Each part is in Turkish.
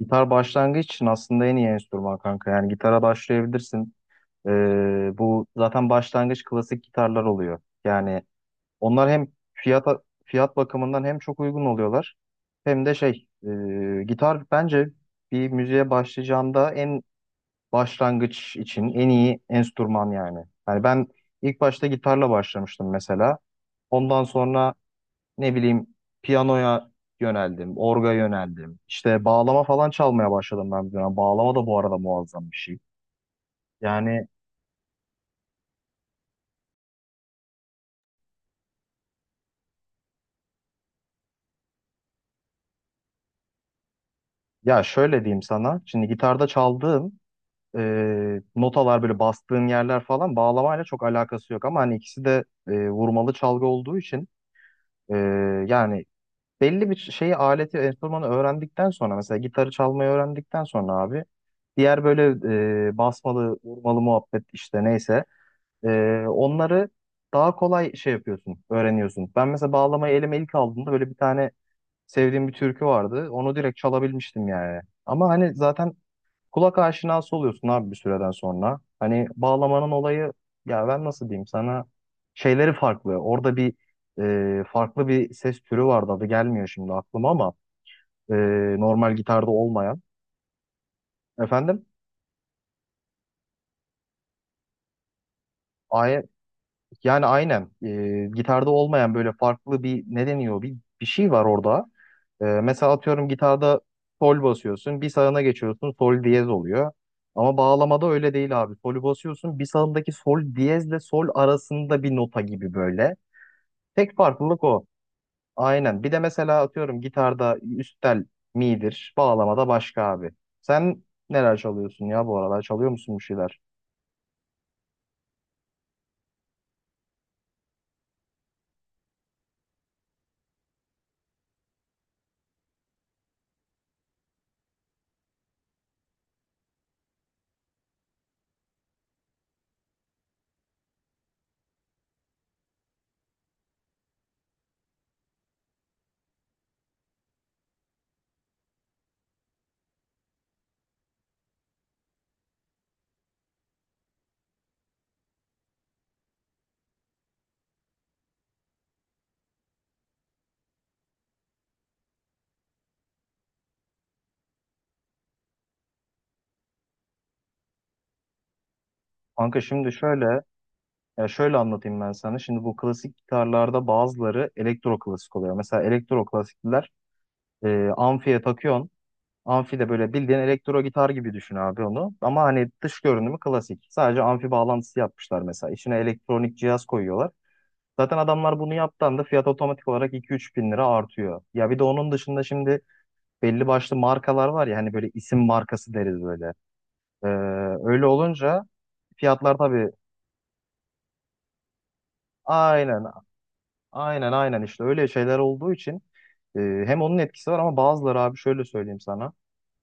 Gitar başlangıç için aslında en iyi enstrüman kanka. Yani gitara başlayabilirsin. Bu zaten başlangıç klasik gitarlar oluyor. Yani onlar hem fiyat fiyat bakımından hem çok uygun oluyorlar, hem de şey, gitar bence bir müziğe başlayacağında en başlangıç için en iyi enstrüman yani. Yani ben ilk başta gitarla başlamıştım mesela. Ondan sonra ne bileyim piyanoya yöneldim, orga yöneldim. İşte bağlama falan çalmaya başladım ben bir dönem. Bağlama da bu arada muazzam bir şey. Yani ya şöyle diyeyim sana. Şimdi gitarda çaldığım notalar, böyle bastığın yerler falan, bağlamayla çok alakası yok. Ama hani ikisi de vurmalı çalgı olduğu için, e, yani belli bir şeyi, aleti, enstrümanı öğrendikten sonra, mesela gitarı çalmayı öğrendikten sonra abi, diğer böyle basmalı vurmalı muhabbet, işte neyse, onları daha kolay şey yapıyorsun, öğreniyorsun. Ben mesela bağlamayı elime ilk aldığımda, böyle bir tane sevdiğim bir türkü vardı. Onu direkt çalabilmiştim yani. Ama hani zaten kulak aşinası oluyorsun abi bir süreden sonra. Hani bağlamanın olayı, ya ben nasıl diyeyim sana, şeyleri farklı. Orada bir, farklı bir ses türü vardı, adı gelmiyor şimdi aklıma, ama e, normal gitarda olmayan. Efendim? Ay- yani aynen, gitarda olmayan böyle farklı bir, ne deniyor, bir şey var orada. Mesela atıyorum, gitarda sol basıyorsun. Bir sağına geçiyorsun, sol diyez oluyor. Ama bağlamada öyle değil abi. Solü basıyorsun, bir sağındaki sol diyezle sol arasında bir nota gibi böyle. Tek farklılık o. Aynen. Bir de mesela atıyorum, gitarda üst tel mi'dir. Bağlamada başka abi. Sen neler çalıyorsun ya bu aralar? Çalıyor musun bir şeyler? Kanka şimdi şöyle, ya şöyle anlatayım ben sana. Şimdi bu klasik gitarlarda bazıları elektro klasik oluyor. Mesela elektro klasikler, amfiye takıyorsun. Amfi de böyle bildiğin elektro gitar gibi düşün abi onu. Ama hani dış görünümü klasik. Sadece amfi bağlantısı yapmışlar mesela. İçine elektronik cihaz koyuyorlar. Zaten adamlar bunu yaptığında da fiyat otomatik olarak 2-3 bin lira artıyor. Ya bir de onun dışında şimdi belli başlı markalar var ya, hani böyle isim markası deriz böyle. Ee, öyle olunca fiyatlar tabii. Aynen. Aynen, işte öyle şeyler olduğu için, hem onun etkisi var, ama bazıları abi şöyle söyleyeyim sana.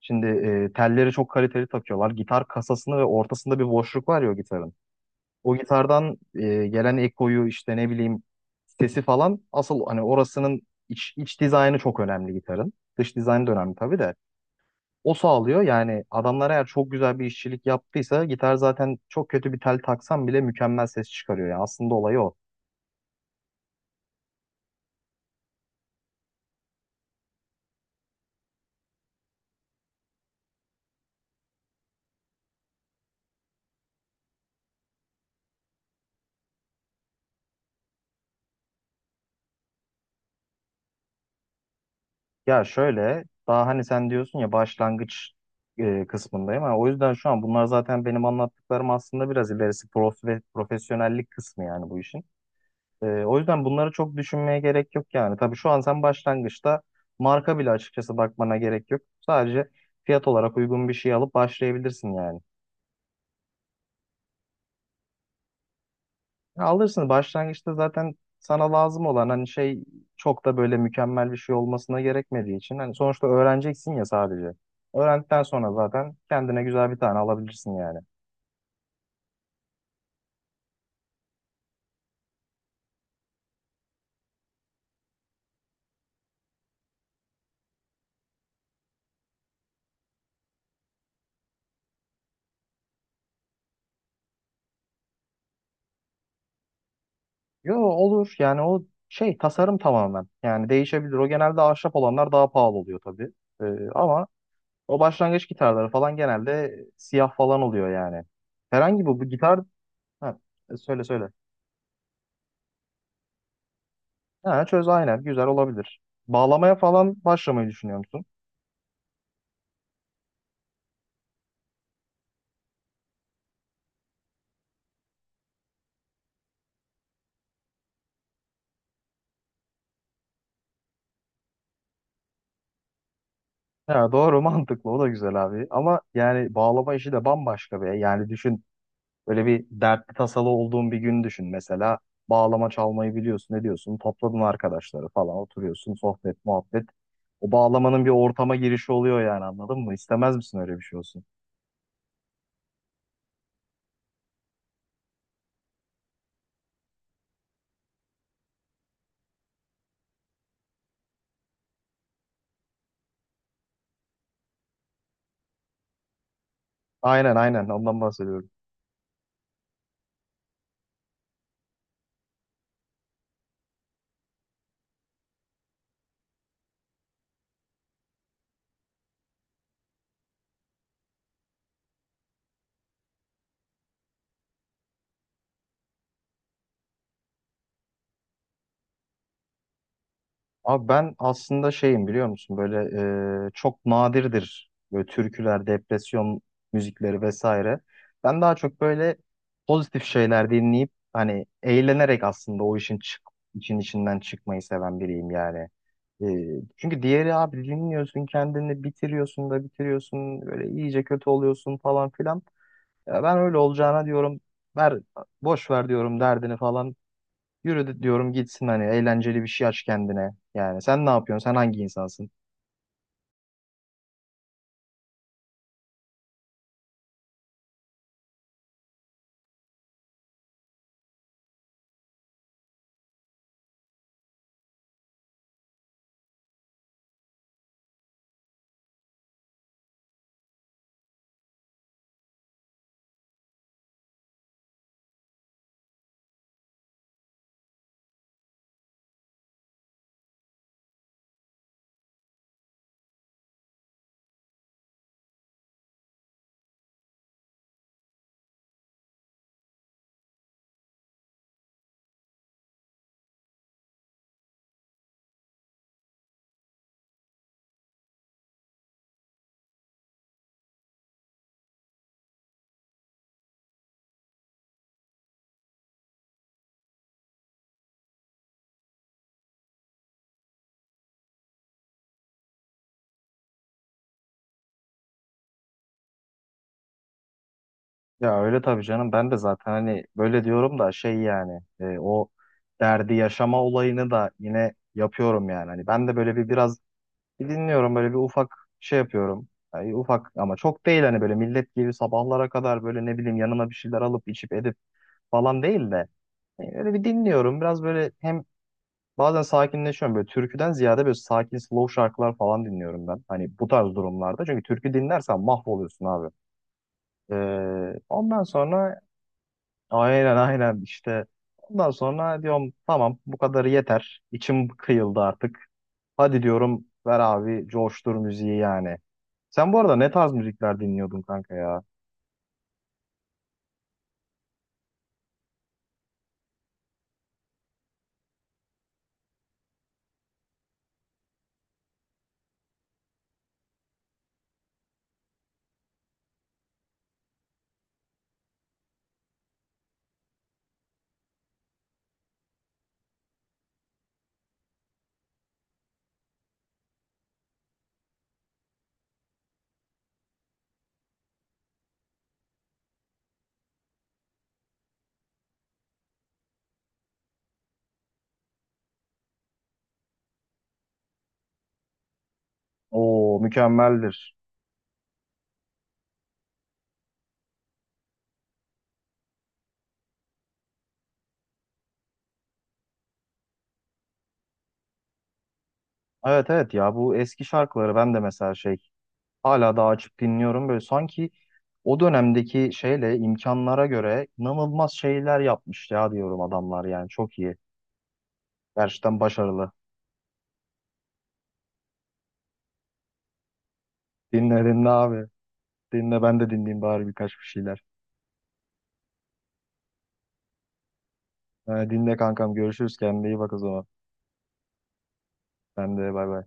Şimdi telleri çok kaliteli takıyorlar. Gitar kasasını, ve ortasında bir boşluk var ya o gitarın. O gitardan gelen ekoyu, işte ne bileyim sesi falan, asıl hani orasının, iç dizaynı çok önemli gitarın. Dış dizaynı da önemli tabii de. O sağlıyor yani. Adamlar eğer çok güzel bir işçilik yaptıysa gitar, zaten çok kötü bir tel taksan bile mükemmel ses çıkarıyor. Yani aslında olayı o. Ya şöyle, daha hani sen diyorsun ya başlangıç kısmındayım. Ha, o yüzden şu an bunlar, zaten benim anlattıklarım aslında biraz ilerisi, profesyonellik kısmı yani bu işin. O yüzden bunları çok düşünmeye gerek yok yani. Tabii şu an sen başlangıçta marka bile açıkçası bakmana gerek yok. Sadece fiyat olarak uygun bir şey alıp başlayabilirsin yani. Ya alırsın, başlangıçta zaten sana lazım olan hani şey, çok da böyle mükemmel bir şey olmasına gerekmediği için, hani sonuçta öğreneceksin ya sadece. Öğrendikten sonra zaten kendine güzel bir tane alabilirsin yani. Yo, olur yani, o şey tasarım tamamen yani değişebilir. O genelde ahşap olanlar daha pahalı oluyor tabii. Ama o başlangıç gitarları falan genelde siyah falan oluyor yani. Herhangi bu gitar, ha, söyle söyle. Ha, çöz, aynen, güzel olabilir. Bağlamaya falan başlamayı düşünüyor musun? Ya doğru, mantıklı, o da güzel abi, ama yani bağlama işi de bambaşka be. Yani düşün, böyle bir dertli tasalı olduğun bir gün düşün mesela, bağlama çalmayı biliyorsun, ne diyorsun, topladın arkadaşları falan, oturuyorsun sohbet muhabbet, o bağlamanın bir ortama girişi oluyor yani, anladın mı, istemez misin öyle bir şey olsun. Aynen, aynen, ondan bahsediyorum. Abi ben aslında şeyim biliyor musun, böyle çok nadirdir böyle türküler, depresyon müzikleri vesaire. Ben daha çok böyle pozitif şeyler dinleyip, hani eğlenerek aslında o işin için, içinden çıkmayı seven biriyim yani. E, çünkü diğeri, abi dinliyorsun, kendini bitiriyorsun da bitiriyorsun, böyle iyice kötü oluyorsun falan filan. Ya ben öyle olacağına diyorum ver boş ver diyorum derdini falan. Diyorum gitsin, hani eğlenceli bir şey aç kendine. Yani sen ne yapıyorsun? Sen hangi insansın? Ya öyle tabii canım, ben de zaten hani böyle diyorum da şey yani, o derdi yaşama olayını da yine yapıyorum yani. Hani ben de böyle biraz bir dinliyorum, böyle bir ufak şey yapıyorum. Yani ufak ama çok değil, hani böyle millet gibi sabahlara kadar böyle ne bileyim, yanıma bir şeyler alıp içip edip falan değil de, öyle bir dinliyorum. Biraz böyle hem. Bazen sakinleşiyorum, böyle türküden ziyade, böyle sakin slow şarkılar falan dinliyorum ben. Hani bu tarz durumlarda. Çünkü türkü dinlersen mahvoluyorsun abi. Ondan sonra, aynen, aynen, işte ondan sonra diyorum, tamam bu kadarı yeter. İçim kıyıldı artık. Hadi diyorum, ver abi coştur müziği yani. Sen bu arada ne tarz müzikler dinliyordun kanka ya? Oo, mükemmeldir. Evet, evet, ya bu eski şarkıları ben de mesela şey, Hala daha açıp dinliyorum. Böyle sanki o dönemdeki şeyle, imkanlara göre inanılmaz şeyler yapmış ya, diyorum adamlar, yani çok iyi. Gerçekten başarılı. Dinle dinle abi. Dinle, ben de dinleyeyim bari birkaç bir şeyler. Ha, dinle kankam, görüşürüz, kendine iyi bak o zaman. Ben de, bay bay.